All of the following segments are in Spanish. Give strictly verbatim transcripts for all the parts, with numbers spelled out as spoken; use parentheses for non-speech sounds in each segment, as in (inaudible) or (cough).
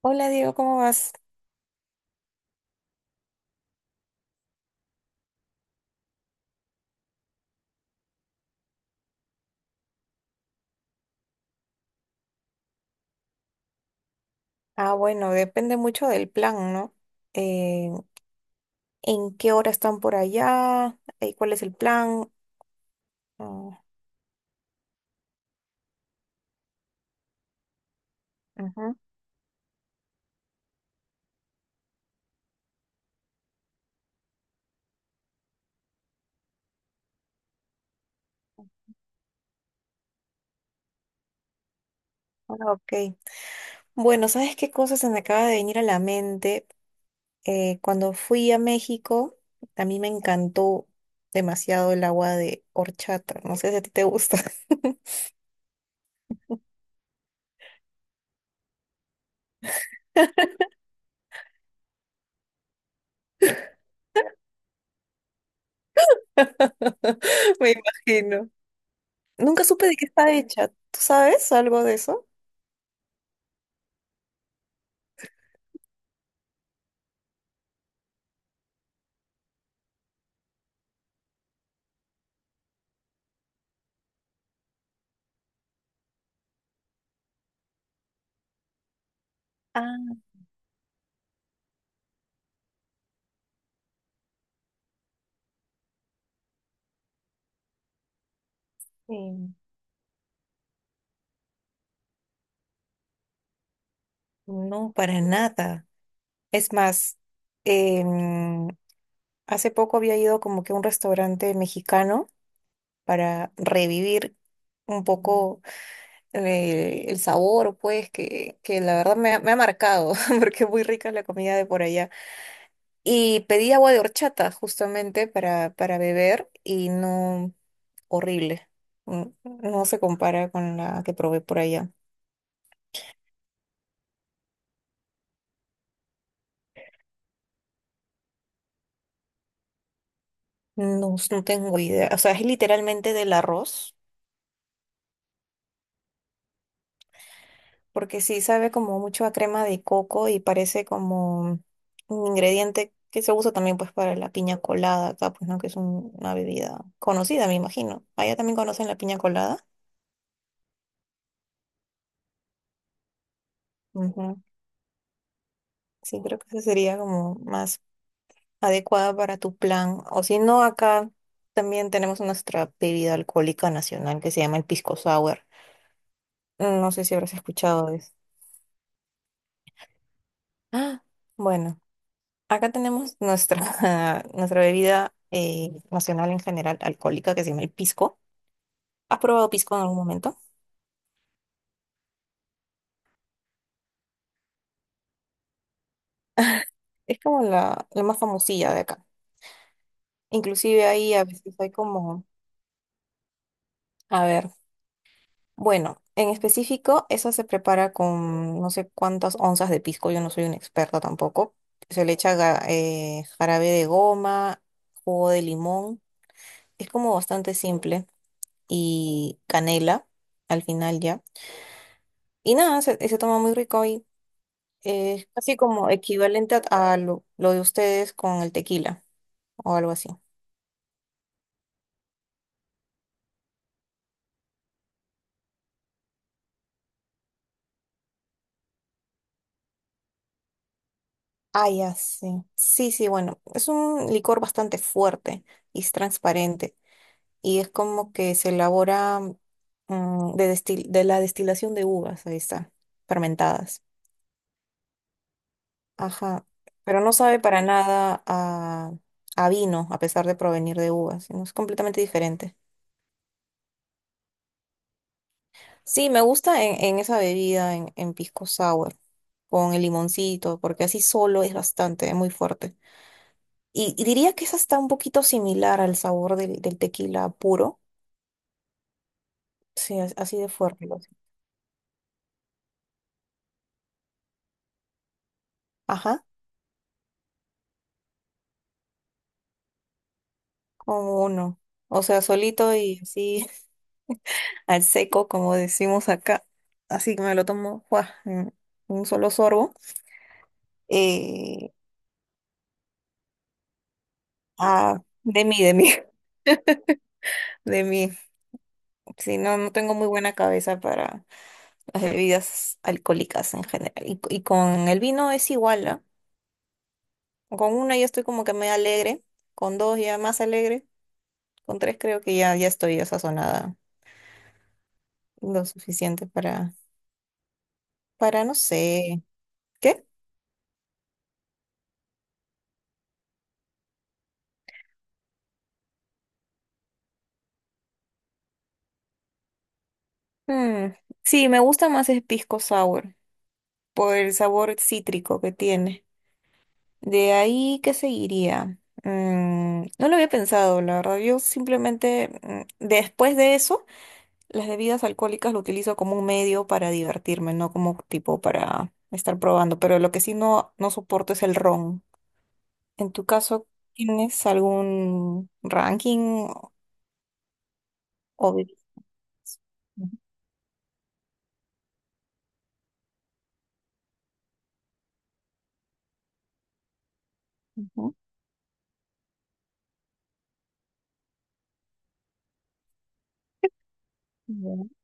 Hola Diego, ¿cómo vas? Ah, bueno, depende mucho del plan, ¿no? Eh, ¿En qué hora están por allá? Eh, ¿cuál es el plan? Ah, ujú. Ah, ok. Bueno, ¿sabes qué cosa se me acaba de venir a la mente? Eh, cuando fui a México, a mí me encantó demasiado el agua de horchata. No sé si a ti te gusta. (laughs) Me imagino. Nunca supe de qué está hecha. ¿Tú sabes algo de eso? Ah, sí. No, para nada. Es más, em, hace poco había ido como que a un restaurante mexicano para revivir un poco eh, el sabor, pues, que, que la verdad me, ha me ha marcado, (laughs) porque es muy rica la comida de por allá. Y pedí agua de horchata justamente para, para beber y no, horrible. Mm, no se compara con la que probé por allá. No, no tengo idea. O sea, es literalmente del arroz. Porque sí sabe como mucho a crema de coco y parece como un ingrediente que se usa también pues para la piña colada acá, pues no, que es un- una bebida conocida, me imagino. Allá también conocen la piña colada. Ujú. Sí, creo que esa sería como más adecuada para tu plan. O si no, acá también tenemos nuestra bebida alcohólica nacional que se llama el pisco sour. No sé si habrás escuchado de eso. Ah, bueno. Acá tenemos nuestra, (laughs) nuestra bebida eh, nacional en general alcohólica que se llama el pisco. ¿Has probado pisco en algún momento? Es como la, la más famosilla de acá. Inclusive ahí a veces hay como, a ver, bueno, en específico eso se prepara con no sé cuántas onzas de pisco, yo no soy una experta tampoco. Se le echa ga- eh, jarabe de goma, jugo de limón, es como bastante simple y canela al final ya. Y nada, se, se toma muy rico ahí. Es casi como equivalente a, a lo, lo de ustedes con el tequila o algo así. Ah, ya sí. Sí, sí, bueno, es un licor bastante fuerte y es transparente y es como que se elabora mm, de, destil- de la destilación de uvas, ahí está, fermentadas. Ajá, pero no sabe para nada a, a vino a pesar de provenir de uvas, sino es completamente diferente. Sí, me gusta en, en esa bebida, en, en pisco sour, con el limoncito, porque así solo es bastante, es muy fuerte. Y, y diría que esa está un poquito similar al sabor del, del tequila puro. Sí, as- así de fuerte. Lo ajá, con uno. O sea, solito y así (laughs) al seco, como decimos acá. Así que me lo tomo, ¡guau!, en un solo sorbo. Eh, ah, de mí, de mí, (laughs) de mí. Sí, no, no tengo muy buena cabeza para las bebidas alcohólicas en general. Y, y con el vino es igual, ¿ah? Con una ya estoy como que me alegre, con dos ya más alegre, con tres creo que ya, ya estoy ya sazonada lo suficiente para, para no sé, ¿qué? Mm, sí, me gusta más el pisco sour por el sabor cítrico que tiene. De ahí, ¿qué seguiría? Mm, no lo había pensado, la verdad. Yo simplemente, mm, después de eso, las bebidas alcohólicas lo utilizo como un medio para divertirme, no como tipo para estar probando, pero lo que sí no, no soporto es el ron. En tu caso, ¿tienes algún ranking o bebidas? Ujú, ujú, ya.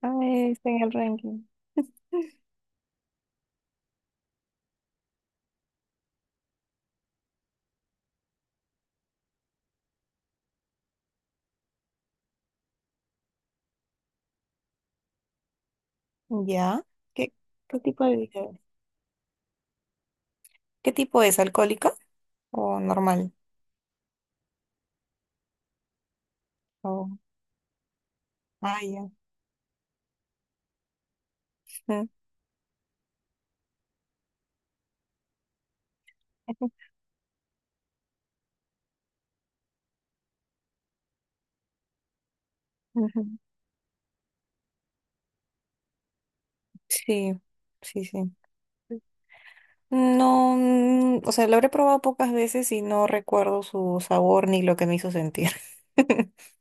Ah, está en el ranking. (laughs) Ya. ¿Qué, qué tipo de bebida es? ¿Qué tipo es? ¿Alcohólica o normal? O... ah, ya. Mm. (laughs) Ujú. Sí, sí, sí. No, mm, o sea, lo habré probado pocas veces y no recuerdo su sabor ni lo que me hizo sentir. (laughs)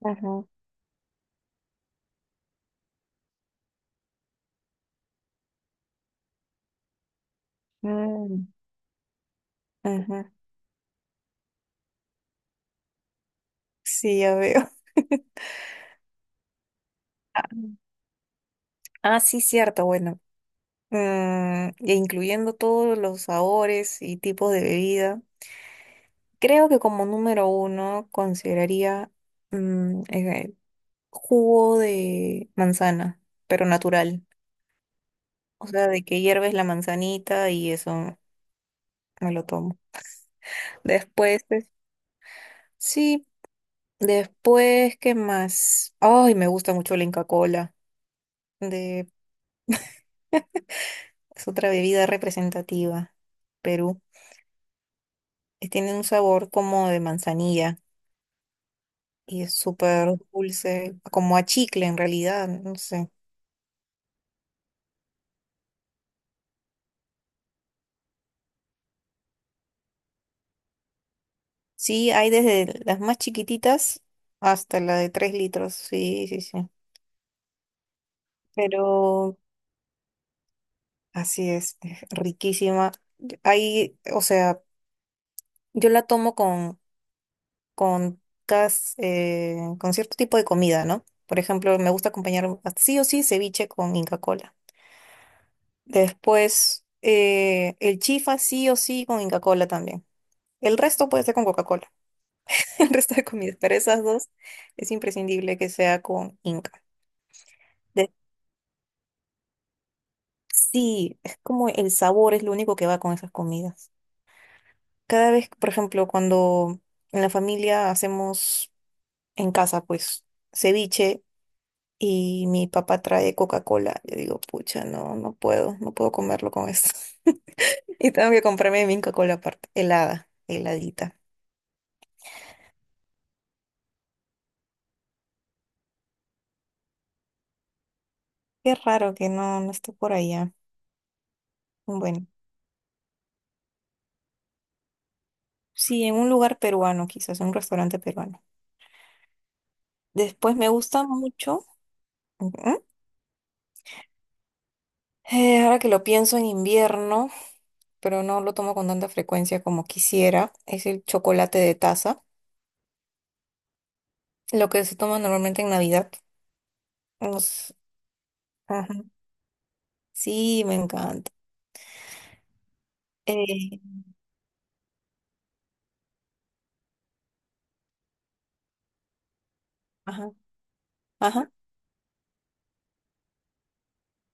Ajá. Mm, ajá. Sí, ya veo. (laughs) Ah, ah, sí, cierto, bueno. Mm, e incluyendo todos los sabores y tipos de bebida, creo que como número uno consideraría mm, eh, jugo de manzana, pero natural. O sea, de que hierves la manzanita y eso me lo tomo. Después, pues, sí. Después, ¿qué más? Ay, me gusta mucho la Inca Kola. De, es otra bebida representativa. Perú. Eh, Tiene un sabor como de manzanilla y es súper dulce, como a chicle en realidad, no sé. Sí, hay desde las más chiquititas hasta la de tres litros. Sí, sí, sí. Pero así es, es riquísima. Hay, o sea, yo la tomo con con, cas- eh, con cierto tipo de comida, ¿no? Por ejemplo, me gusta acompañar a- sí o sí ceviche con Inca Kola. Después, eh, el chifa sí o sí con Inca Kola también. El resto puede ser con Coca-Cola, (laughs) el resto de comidas, pero esas dos es imprescindible que sea con Inca. De- sí, es como el sabor es lo único que va con esas comidas. Cada vez, por ejemplo, cuando en la familia hacemos en casa, pues, ceviche y mi papá trae Coca-Cola. Yo digo, pucha, no, no puedo, no puedo comerlo con esto. (laughs) Y tengo que comprarme mi Coca-Cola aparte, helada, heladita. Qué raro que no, no esté por allá. Bueno, sí, en un lugar peruano, quizás, un restaurante peruano. Después me gusta mucho, ujú, eh, ahora que lo pienso en invierno, pero no lo tomo con tanta frecuencia como quisiera, es el chocolate de taza, lo que se toma normalmente en Navidad. Nos- ajá, sí, me encanta. Eh, ajá. Ajá,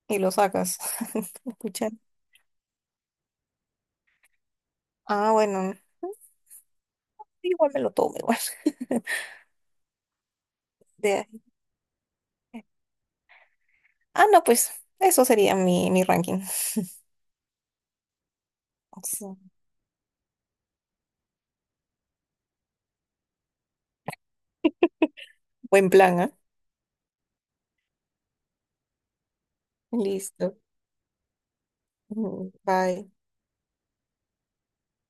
y lo sacas. (laughs) Escucha. Ah, bueno, igual me lo tomo igual. (laughs) De ahí. Ah, no, pues eso sería mi, mi ranking. Sí. Buen plan, ¿ah? Listo. Mm, bye.